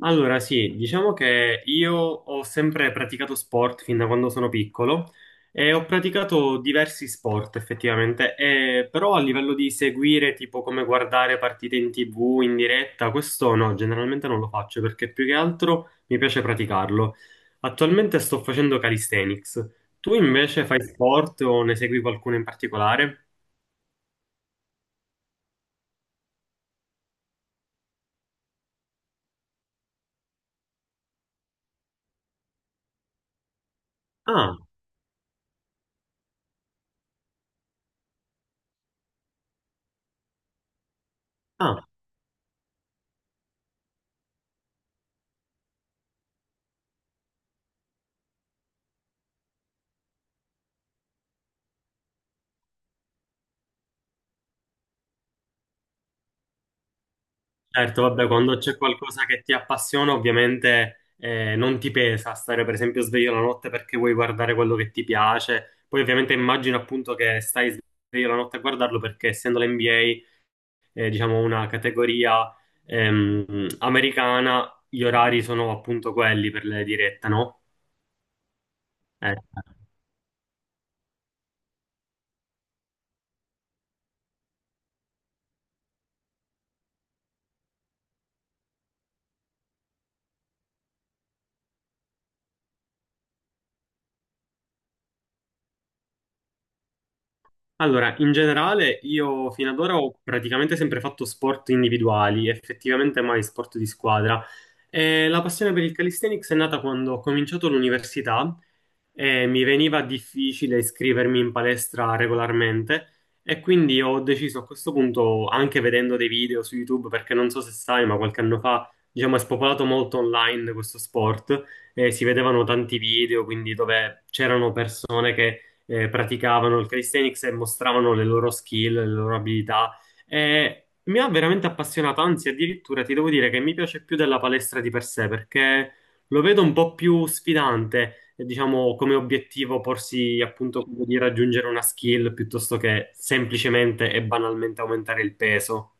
Allora, sì, diciamo che io ho sempre praticato sport fin da quando sono piccolo e ho praticato diversi sport effettivamente, però a livello di seguire, tipo come guardare partite in TV in diretta, questo no, generalmente non lo faccio perché più che altro mi piace praticarlo. Attualmente sto facendo calisthenics. Tu invece fai sport o ne segui qualcuno in particolare? Ah, ah. Certo, vabbè, quando c'è qualcosa che ti appassiona, ovviamente non ti pesa stare per esempio sveglio la notte perché vuoi guardare quello che ti piace. Poi ovviamente immagino appunto che stai sveglio la notte a guardarlo perché essendo l'NBA, diciamo una categoria americana, gli orari sono appunto quelli per le dirette, no? Eh. Allora, in generale io fino ad ora ho praticamente sempre fatto sport individuali, effettivamente mai sport di squadra. E la passione per il calisthenics è nata quando ho cominciato l'università e mi veniva difficile iscrivermi in palestra regolarmente e quindi ho deciso a questo punto, anche vedendo dei video su YouTube, perché non so se sai, ma qualche anno fa, diciamo, è spopolato molto online questo sport e si vedevano tanti video, quindi dove c'erano persone che praticavano il calisthenics e mostravano le loro skill, le loro abilità. E mi ha veramente appassionato, anzi, addirittura ti devo dire che mi piace più della palestra di per sé perché lo vedo un po' più sfidante, diciamo, come obiettivo porsi appunto quello di raggiungere una skill piuttosto che semplicemente e banalmente aumentare il peso.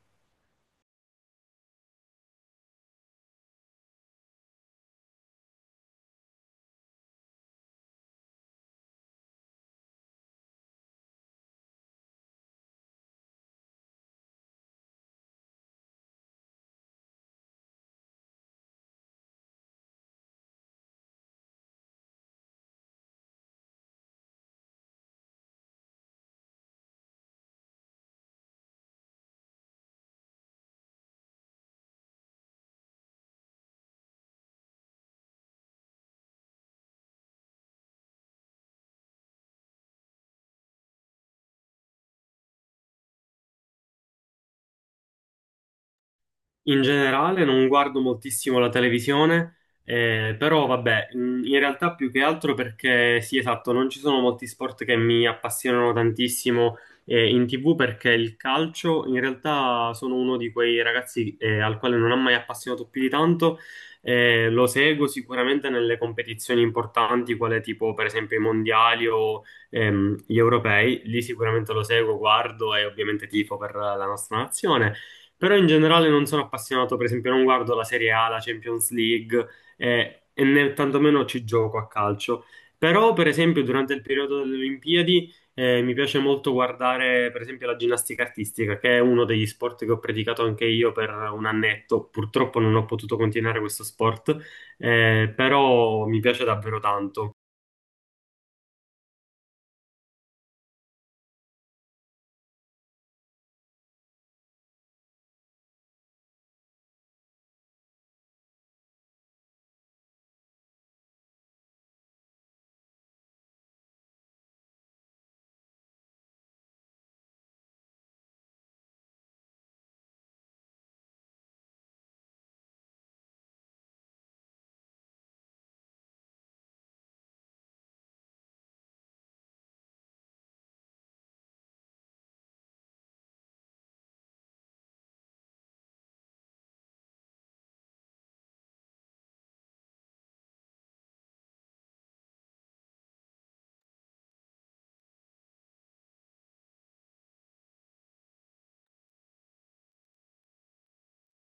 In generale non guardo moltissimo la televisione, però vabbè, in realtà più che altro perché sì, esatto, non ci sono molti sport che mi appassionano tantissimo in TV perché il calcio in realtà sono uno di quei ragazzi al quale non ha mai appassionato più di tanto, lo seguo sicuramente nelle competizioni importanti, quale tipo per esempio i mondiali o gli europei, lì sicuramente lo seguo, guardo e ovviamente tifo per la nostra nazione. Però in generale non sono appassionato, per esempio, non guardo la Serie A, la Champions League e, né tantomeno ci gioco a calcio. Però, per esempio, durante il periodo delle Olimpiadi mi piace molto guardare, per esempio, la ginnastica artistica, che è uno degli sport che ho praticato anche io per un annetto. Purtroppo non ho potuto continuare questo sport, però mi piace davvero tanto.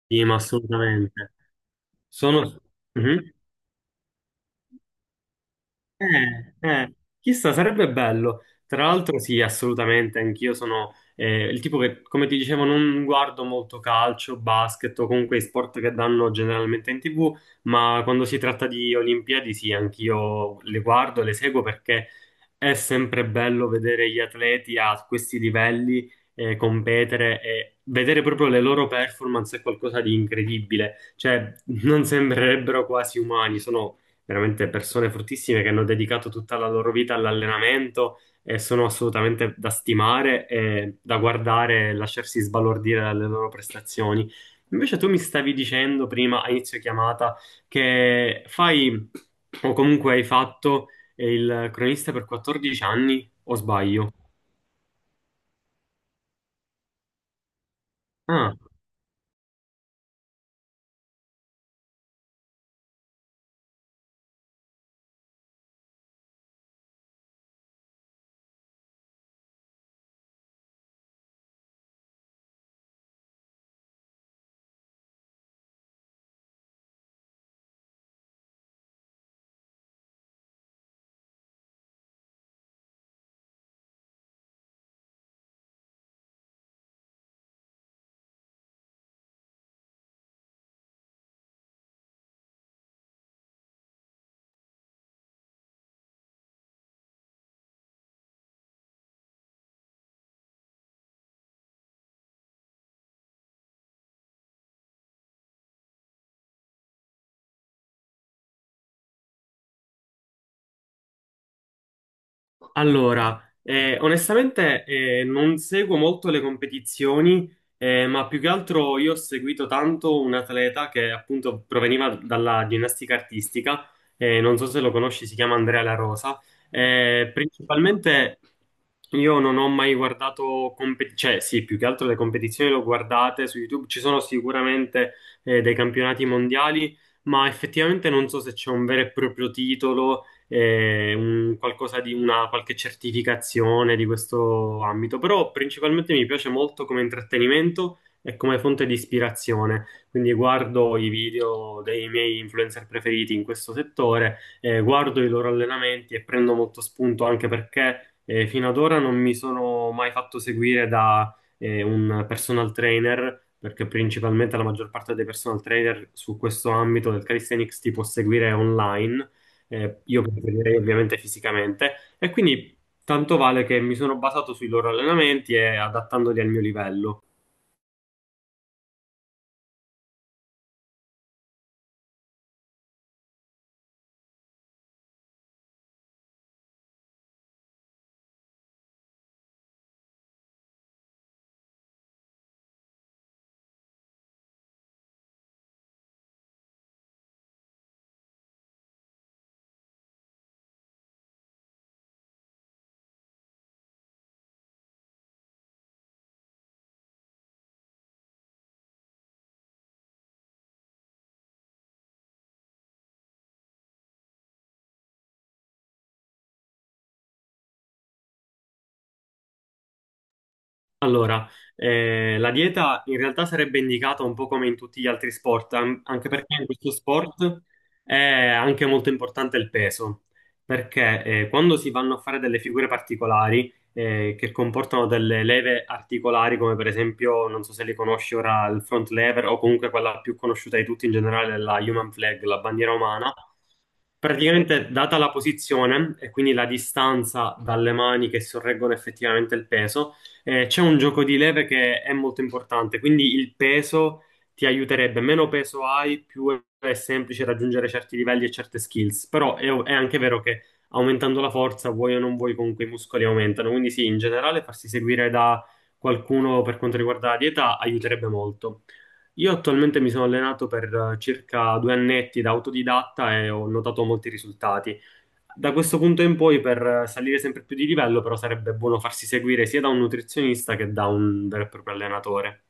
Sì, ma assolutamente. Sono... Mhm. Eh, eh, chissà, sarebbe bello. Tra l'altro, sì, assolutamente, anch'io sono il tipo che, come ti dicevo, non guardo molto calcio, basket o comunque i sport che danno generalmente in TV, ma quando si tratta di Olimpiadi, sì, anch'io le guardo, le seguo perché è sempre bello vedere gli atleti a questi livelli competere e vedere proprio le loro performance è qualcosa di incredibile. Cioè, non sembrerebbero quasi umani, sono veramente persone fortissime che hanno dedicato tutta la loro vita all'allenamento e sono assolutamente da stimare e da guardare e lasciarsi sbalordire dalle loro prestazioni. Invece tu mi stavi dicendo prima, a inizio chiamata, che fai, o comunque hai fatto, il cronista per 14 anni, o sbaglio? Ah. Allora, onestamente non seguo molto le competizioni, ma più che altro io ho seguito tanto un atleta che appunto proveniva dalla ginnastica artistica, non so se lo conosci, si chiama Andrea La Rosa. Principalmente io non ho mai guardato, cioè sì, più che altro le competizioni le ho guardate su YouTube, ci sono sicuramente dei campionati mondiali, ma effettivamente non so se c'è un vero e proprio titolo qualcosa di una qualche certificazione di questo ambito, però principalmente mi piace molto come intrattenimento e come fonte di ispirazione. Quindi guardo i video dei miei influencer preferiti in questo settore, guardo i loro allenamenti e prendo molto spunto anche perché fino ad ora non mi sono mai fatto seguire da un personal trainer. Perché principalmente la maggior parte dei personal trainer su questo ambito del calisthenics ti può seguire online io preferirei ovviamente fisicamente, e quindi tanto vale che mi sono basato sui loro allenamenti e adattandoli al mio livello. Allora, la dieta in realtà sarebbe indicata un po' come in tutti gli altri sport, anche perché in questo sport è anche molto importante il peso, perché quando si vanno a fare delle figure particolari che comportano delle leve articolari, come per esempio, non so se li conosci ora, il front lever o comunque quella più conosciuta di tutti in generale, la human flag, la bandiera umana, praticamente, data la posizione e quindi la distanza dalle mani che sorreggono effettivamente il peso, c'è un gioco di leve che è molto importante, quindi il peso ti aiuterebbe. Meno peso hai, più è semplice raggiungere certi livelli e certe skills. Però è anche vero che aumentando la forza, vuoi o non vuoi, comunque i muscoli aumentano. Quindi sì, in generale farsi seguire da qualcuno per quanto riguarda la dieta aiuterebbe molto. Io attualmente mi sono allenato per circa 2 annetti da autodidatta e ho notato molti risultati. Da questo punto in poi, per salire sempre più di livello, però sarebbe buono farsi seguire sia da un nutrizionista che da un vero e proprio allenatore.